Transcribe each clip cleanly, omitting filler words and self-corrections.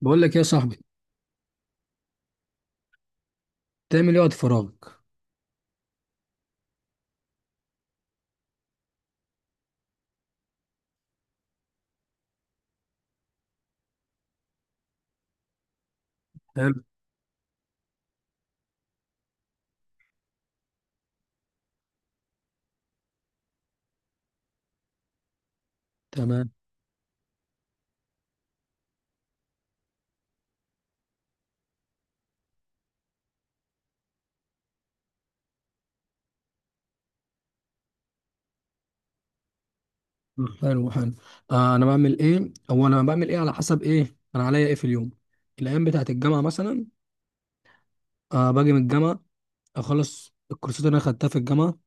بقول لك إيه يا صاحبي؟ تعمل ايه وقت فراغك؟ حلو. تمام. حلو حلو. انا بعمل ايه، او انا بعمل ايه على حسب ايه انا عليا ايه في اليوم. الايام بتاعت الجامعه مثلا، باجي من الجامعه، اخلص الكورسات اللي انا خدتها في الجامعه،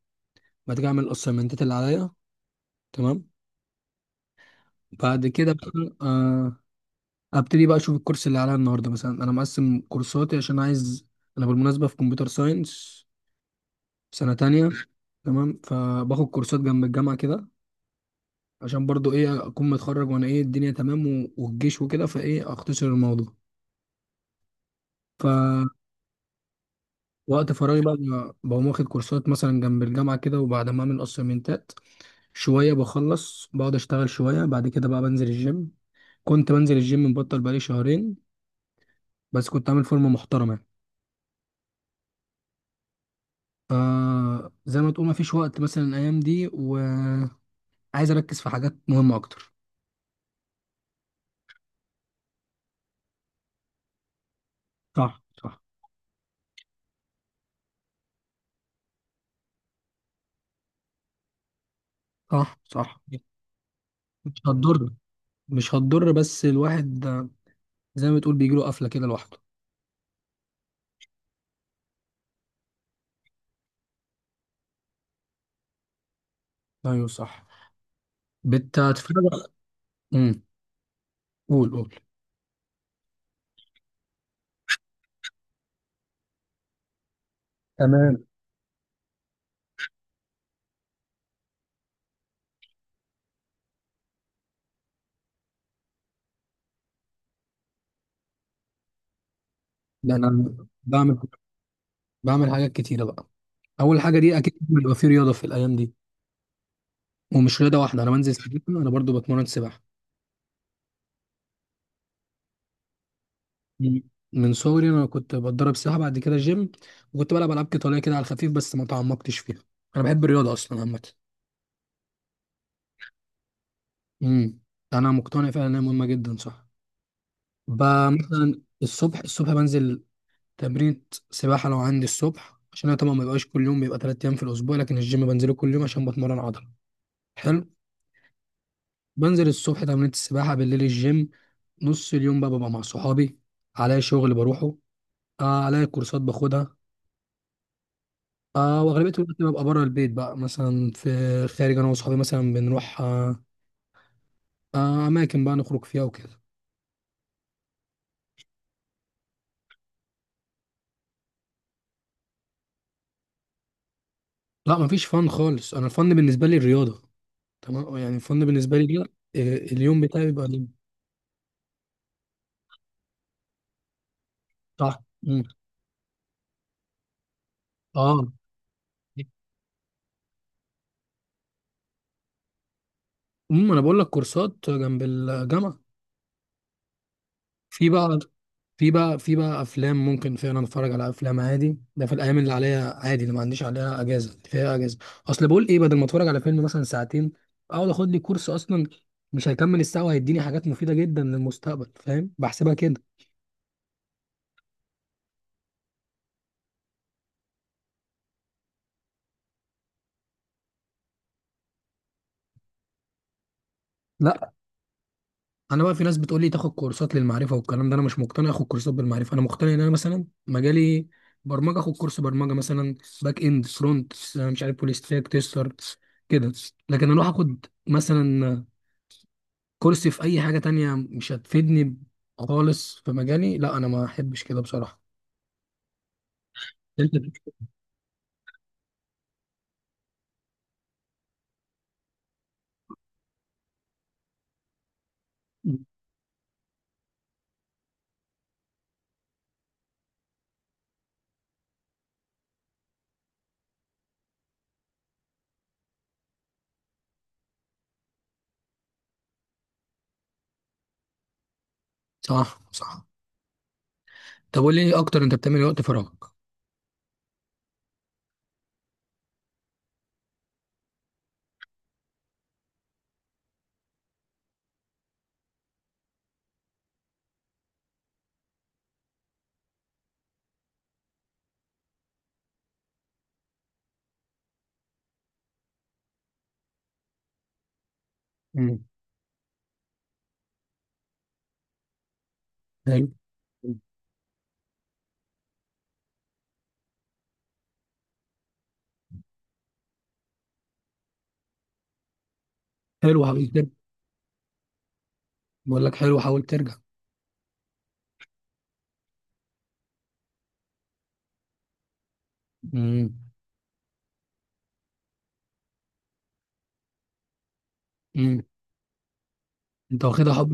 بعد كده اعمل الاسايمنتات اللي عليا. تمام. بعد كده بقى ابتدي بقى اشوف الكورس اللي عليا النهارده، مثلا انا مقسم كورساتي عشان عايز، انا بالمناسبه في كمبيوتر ساينس سنه تانية. تمام، فباخد كورسات جنب الجامعه كده عشان برضو ايه اكون متخرج، وانا ايه الدنيا تمام والجيش وكده، فايه اختصر الموضوع. فوقت فراغي بقى بقوم واخد كورسات مثلا جنب الجامعة كده، وبعد ما اعمل اسايمنتات شوية بخلص، بقعد اشتغل شوية، بعد كده بقى بنزل الجيم. كنت بنزل الجيم، مبطل بقالي شهرين، بس كنت عامل فورمة محترمة يعني. فزي ما تقول ما فيش وقت مثلا الايام دي، وعايز اركز في حاجات مهمة اكتر. صح صح. صح صح. مش هتضر، مش هتضر، بس الواحد زي ما تقول بيجيله قفلة كده لوحده. ايوه صح. بتتفرج. امم قول قول. تمام. ده انا بعمل، بعمل حاجات كتيره بقى. اول حاجه دي، اكيد بيبقى في رياضه في الايام دي، ومش رياضه واحده، انا بنزل سباحه، انا برضو بتمرن سباحه. مم. من صغري انا كنت بتدرب سباحه، بعد كده جيم، وكنت بلعب العاب قتاليه كده على الخفيف بس ما تعمقتش فيها. انا بحب الرياضه اصلا عامه. امم، انا مقتنع فعلا انها مهمه جدا، صح. مثلا الصبح بنزل تمرين سباحة لو عندي الصبح، عشان أنا طبعا ما بيبقاش كل يوم، بيبقى تلات أيام في الأسبوع، لكن الجيم بنزله كل يوم عشان بتمرن عضلة. حلو. بنزل الصبح تمرين السباحة، بالليل الجيم، نص اليوم بقى ببقى مع صحابي، عليا شغل بروحه، عليا كورسات باخدها، وأغلبية الوقت ببقى بره البيت بقى، مثلا في خارج أنا وصحابي مثلا بنروح، أماكن بقى نخرج فيها وكده. لا، مفيش فن خالص، أنا الفن بالنسبة لي الرياضة. تمام، يعني الفن بالنسبة لي كده، اليوم بتاعي بيبقى ليه-. صح. مم. اه. انا بقول لك كورسات جنب الجامعه. في بقى في بقى افلام، ممكن فعلا اتفرج على افلام عادي، ده في الايام اللي عليها عادي، اللي ما عنديش عليها اجازه، اللي فيها اجازه. اصل بقول ايه، بدل ما اتفرج على فيلم مثلا ساعتين، اقعد اخد لي كورس اصلا، مش هيكمل الساعه وهيديني حاجات مفيده جدا للمستقبل، فاهم؟ بحسبها كده. لا، انا بقى في ناس بتقول لي تاخد كورسات للمعرفه والكلام ده، انا مش مقتنع اخد كورسات بالمعرفه، انا مقتنع ان انا مثلا مجالي برمجه، اخد كورس برمجه مثلا، باك اند، فرونت، مش عارف، فول ستاك، تيستر كده، لكن اروح اخد مثلا كورس في اي حاجه تانية مش هتفيدني خالص في مجالي، لا انا ما احبش كده بصراحه. انت. صح صح. طب قول لي إيه اكتر، انت بتعمل إيه وقت فراغك؟ امم. حلو. حلو حاول ترجع، بقول لك حلو حاول ترجع. امم. امم. انت واخدها حب،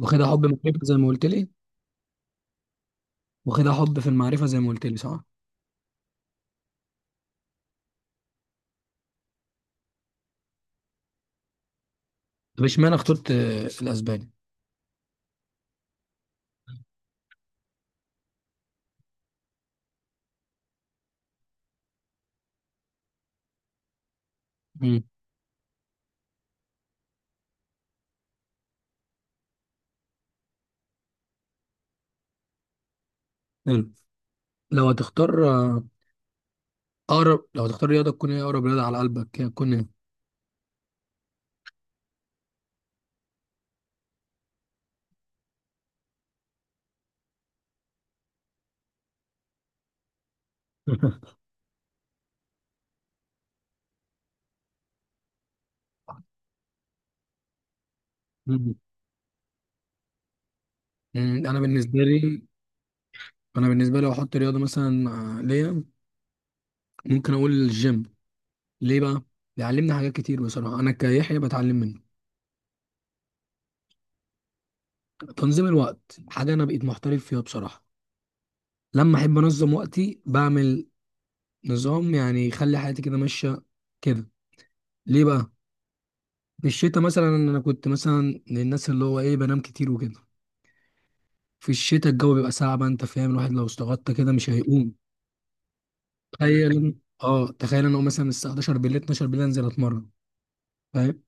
واخدها حب من الربح زي ما قلت لي، واخدها حب في المعرفة زي ما قلت لي، صح؟ طب اشمعنى اخترت الاسباني؟ امم. حلو. لو هتختار اقرب، لو هتختار رياضة تكون ايه، اقرب رياضة على قلبك هتكون ايه؟ مم. مم، انا بالنسبة لي، انا بالنسبة لي لو احط رياضة مثلا ليا، ممكن اقول الجيم. ليه بقى؟ بيعلمني حاجات كتير بصراحة، انا كيحيى بتعلم منه تنظيم الوقت، حاجة انا بقيت محترف فيها بصراحة، لما احب انظم وقتي بعمل نظام يعني يخلي حياتي كده ماشية كده. ليه بقى؟ في الشتاء مثلا انا كنت مثلا من الناس اللي هو ايه بنام كتير وكده، في الشتاء الجو بيبقى ساقع بقى، انت فاهم، الواحد لو استغطى كده مش هيقوم. تخيل إن- اه تخيل انا اقوم مثلا الساعه 11 بالليل، 12 بالليل انزل اتمرن، فاهم؟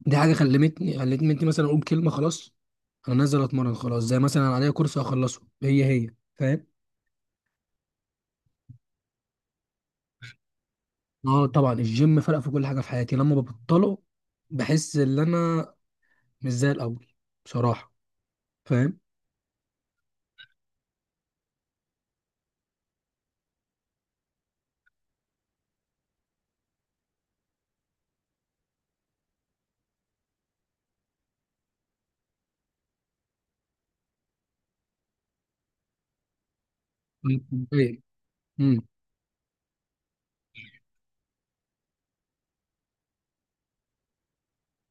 دي حاجه خلتني مثلا اقول كلمه خلاص انا نازل اتمرن، خلاص زي مثلا عليا كورس اخلصه، هي هي، فاهم؟ اه طبعا الجيم فرق في كل حاجه في حياتي، لما ببطله بحس ان انا مش زي الاول بصراحه، فاهم؟ مم. إيه. مم.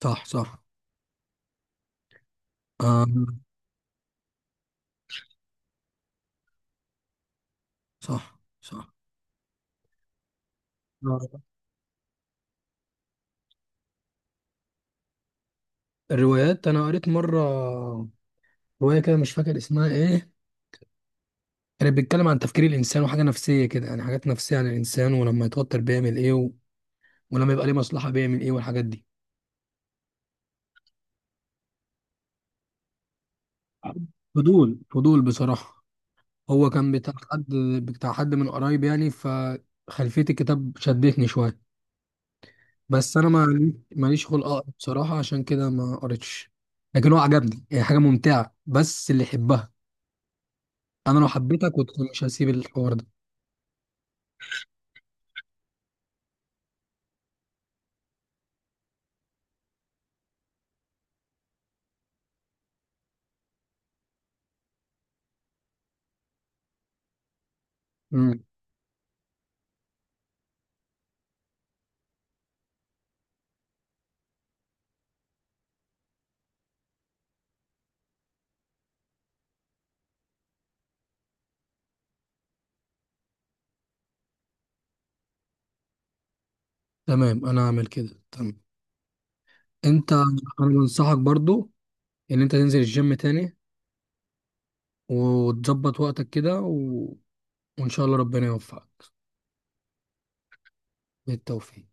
صح صح. آه. صح صح. آه. الروايات، انا قريت مره روايه كده مش فاكر اسمها ايه، كانت بتتكلم عن تفكير الانسان وحاجه نفسيه كده، يعني حاجات نفسيه عن الانسان، ولما يتوتر بيعمل ايه، و... ولما يبقى ليه مصلحه بيعمل ايه، والحاجات دي. فضول، فضول بصراحه. هو كان بتاع حد، بتاع حد من قرايب يعني، فخلفيه الكتاب شدتني شويه، بس انا ما ماليش خلق اقرا بصراحه، عشان كده ما قريتش، لكن هو عجبني، هي حاجه ممتعه بس اللي يحبها، انا لو حبيتك كنت مش هسيب الحوار ده. تمام، انا هعمل كده. تمام. انت، انا بنصحك برضو ان انت تنزل الجيم تاني، وتظبط وقتك كده، و... وان شاء الله ربنا يوفقك. بالتوفيق.